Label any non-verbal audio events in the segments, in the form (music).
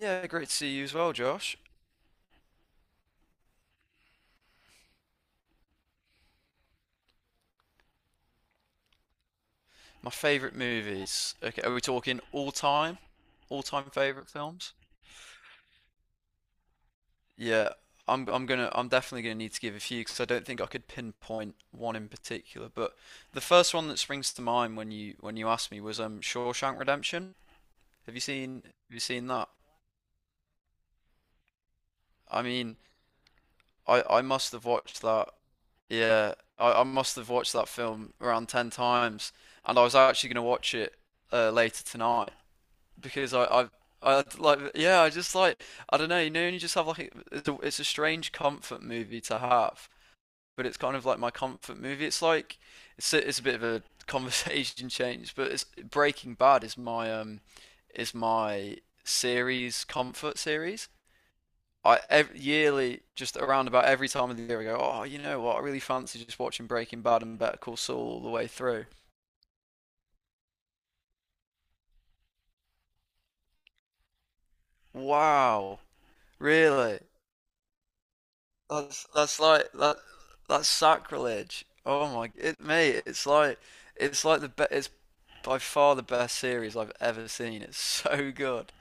Yeah, great to see you as well, Josh. My favorite movies. Okay, are we talking all time? All time favorite films? Yeah, I'm definitely gonna need to give a few because I don't think I could pinpoint one in particular. But the first one that springs to mind when you asked me was Shawshank Redemption. Have you seen that? I mean, I must have watched that. Yeah, I must have watched that film around ten times, and I was actually gonna watch it later tonight, because I just like, I don't know, and you just have it's a strange comfort movie to have, but it's kind of like my comfort movie. It's a bit of a (laughs) conversation change, but it's Breaking Bad is my series comfort series. I ev Yearly, just around about every time of the year, I go, oh, you know what? I really fancy just watching Breaking Bad and Better Call Saul all the way through. Wow, really? That's like that That's sacrilege. Oh my, it mate, it's by far the best series I've ever seen. It's (laughs) so good.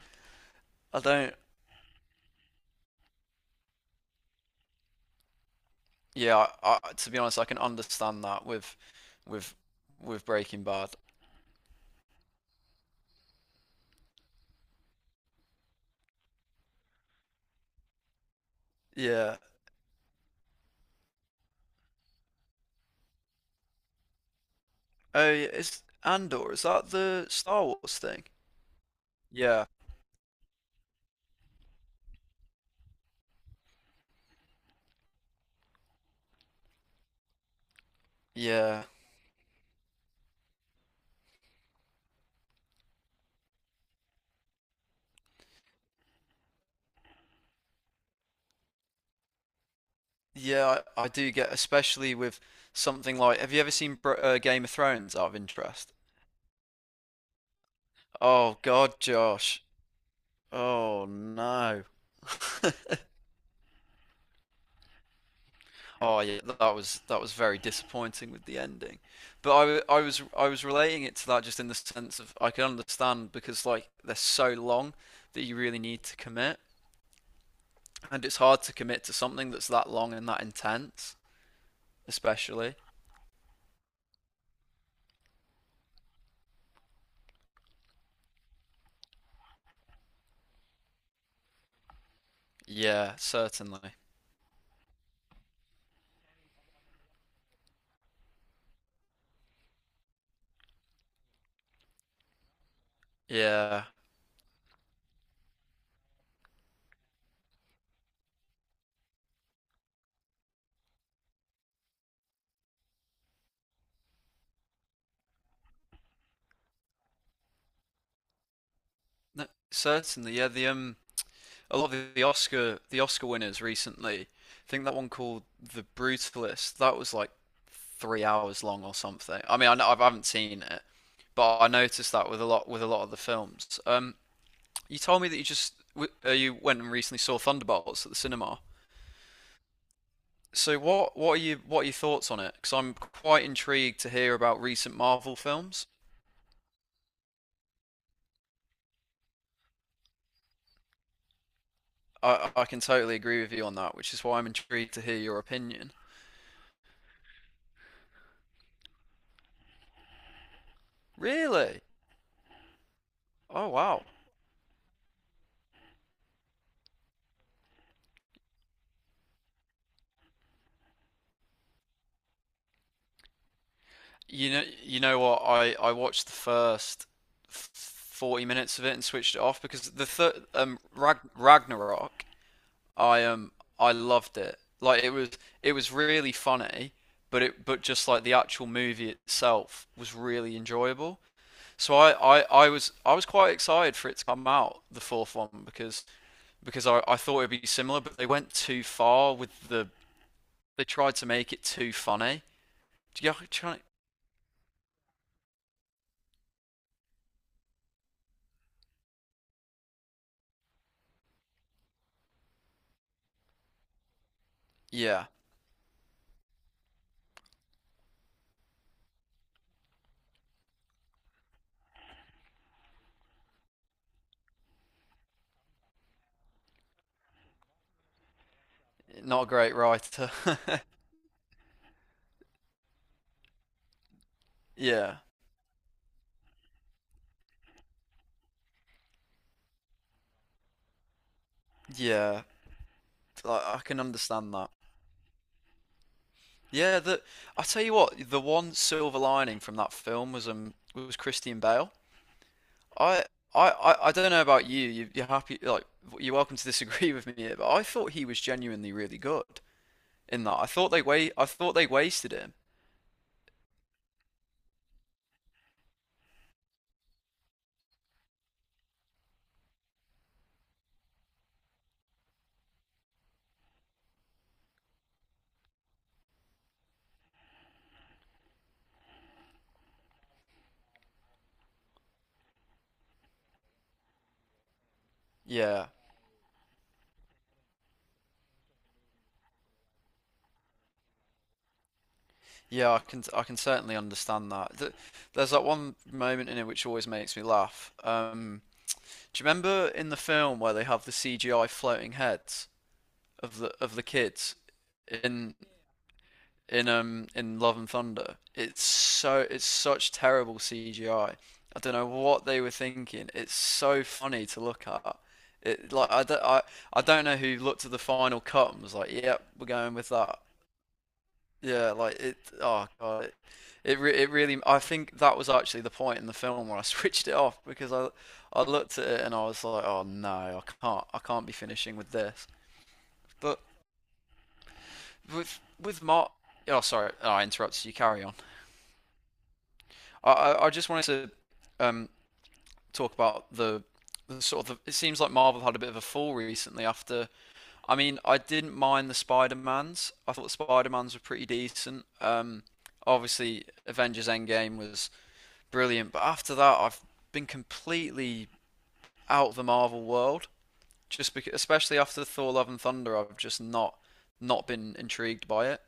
I don't, yeah, to be honest, I can understand that with with Breaking Bad. Yeah. Oh, yeah, it's Andor. Is that the Star Wars thing? Yeah. Yeah. Yeah, I do get, especially with something like, have you ever seen Br Game of Thrones out of interest? Oh God, Josh. Oh no. (laughs) Oh yeah, that was very disappointing with the ending. But I was relating it to that just in the sense of I can understand because like they're so long that you really need to commit, and it's hard to commit to something that's that long and that intense, especially. Yeah, certainly. Yeah, no, certainly. Yeah, the a lot of the Oscar winners recently. I think that one called The Brutalist. That was like 3 hours long or something. I mean, I know, I haven't seen it, but I noticed that with a lot of the films. You told me that you went and recently saw Thunderbolts at the cinema. So what are your thoughts on it? Because I'm quite intrigued to hear about recent Marvel films. I can totally agree with you on that, which is why I'm intrigued to hear your opinion. Really? Oh wow. You know what? I watched the first 40 minutes of it and switched it off because the third Ragnarok, I um I loved it. It was really funny, but it but just like the actual movie itself was really enjoyable. So I was quite excited for it to come out, the fourth one, because I thought it'd be similar, but they went too far with they tried to make it too funny. Do you trying? Yeah. Not a great writer. (laughs) Yeah, yeah. Like, I can understand that. Yeah, the I tell you what, the one silver lining from that film was Christian Bale. I I don't know about you. You're happy like you're welcome to disagree (laughs) with me here, but I thought he was genuinely really good in that. I thought they wasted him. Yeah. Yeah, I can certainly understand that. There's that one moment in it which always makes me laugh. Do you remember in the film where they have the CGI floating heads of the kids in in Love and Thunder? It's such terrible CGI. I don't know what they were thinking. It's so funny to look at. It like I don't know who looked at the final cut and was like, "Yep, we're going with that." Yeah, like it. Oh god, it really. I think that was actually the point in the film where I (laughs) switched it off because I looked at it and I was like, oh no, I can't be finishing with this. But with with Mark, oh sorry, oh, I interrupted you. Carry on. I just wanted to talk about the sort of the, it seems like Marvel had a bit of a fall recently after. I mean, I didn't mind the Spider-Mans. I thought the Spider-Mans were pretty decent. Obviously, Avengers Endgame was brilliant. But after that, I've been completely out of the Marvel world. Just because, especially after Thor: Love and Thunder, I've just not not been intrigued by it.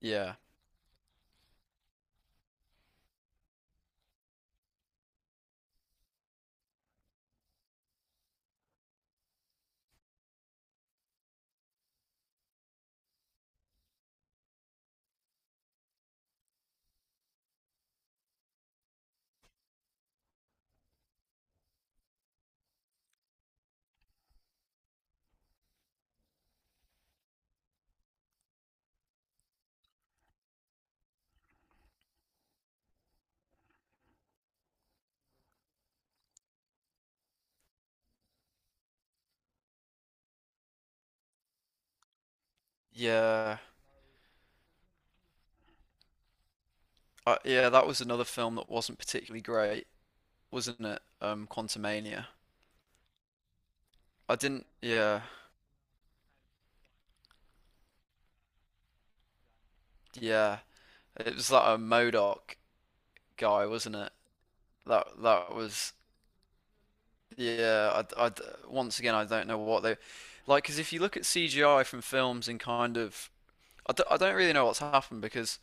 Yeah, yeah, yeah. That was another film that wasn't particularly great, wasn't it? Quantumania. I didn't. Yeah, yeah. It was that a Modoc guy, wasn't it? That that was. Yeah. Once again, I don't know what they like. Because if you look at CGI from films in I don't really know what's happened because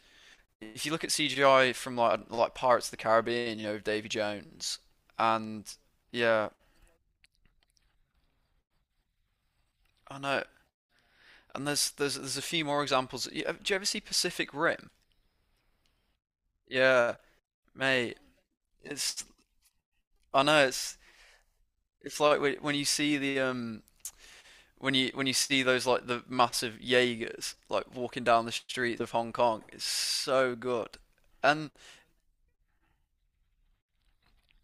if you look at CGI from like Pirates of the Caribbean, you know Davy Jones, and yeah, I know. And there's a few more examples. Do you ever see Pacific Rim? Yeah, mate. It's I know It's like when you see the when you see those like the massive Jaegers like walking down the streets of Hong Kong. It's so good. And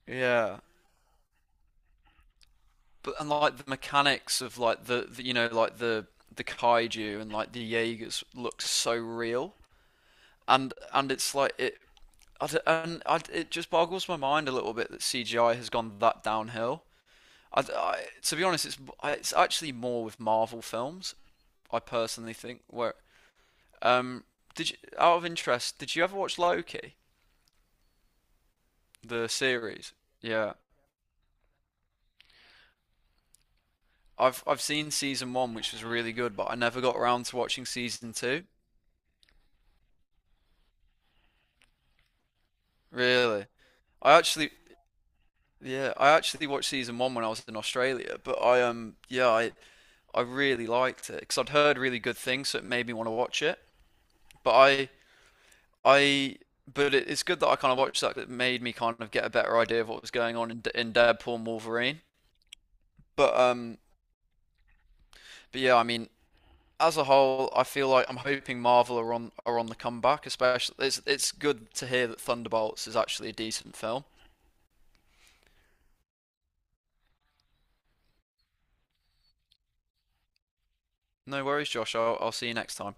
yeah, but and like the mechanics of like the, you know, like the kaiju and like the Jaegers look so real, and it's like it. I d and I, It just boggles my mind a little bit that CGI has gone that downhill. To be honest, it's actually more with Marvel films. I personally think where um did you, out of interest, did you ever watch Loki the series? Yeah, I've seen season one which was really good, but I never got around to watching season two. Really, I actually— yeah, I actually watched season one when I was in Australia, but I yeah, I really liked it because I'd heard really good things, so it made me want to watch it. But I but it, it's good that I kind of watched that, 'cause it made me kind of get a better idea of what was going on in in Deadpool and Wolverine. But um but yeah, I mean, as a whole, I feel like I'm hoping Marvel are on the comeback. Especially it's good to hear that Thunderbolts is actually a decent film. No worries, Josh. I'll see you next time.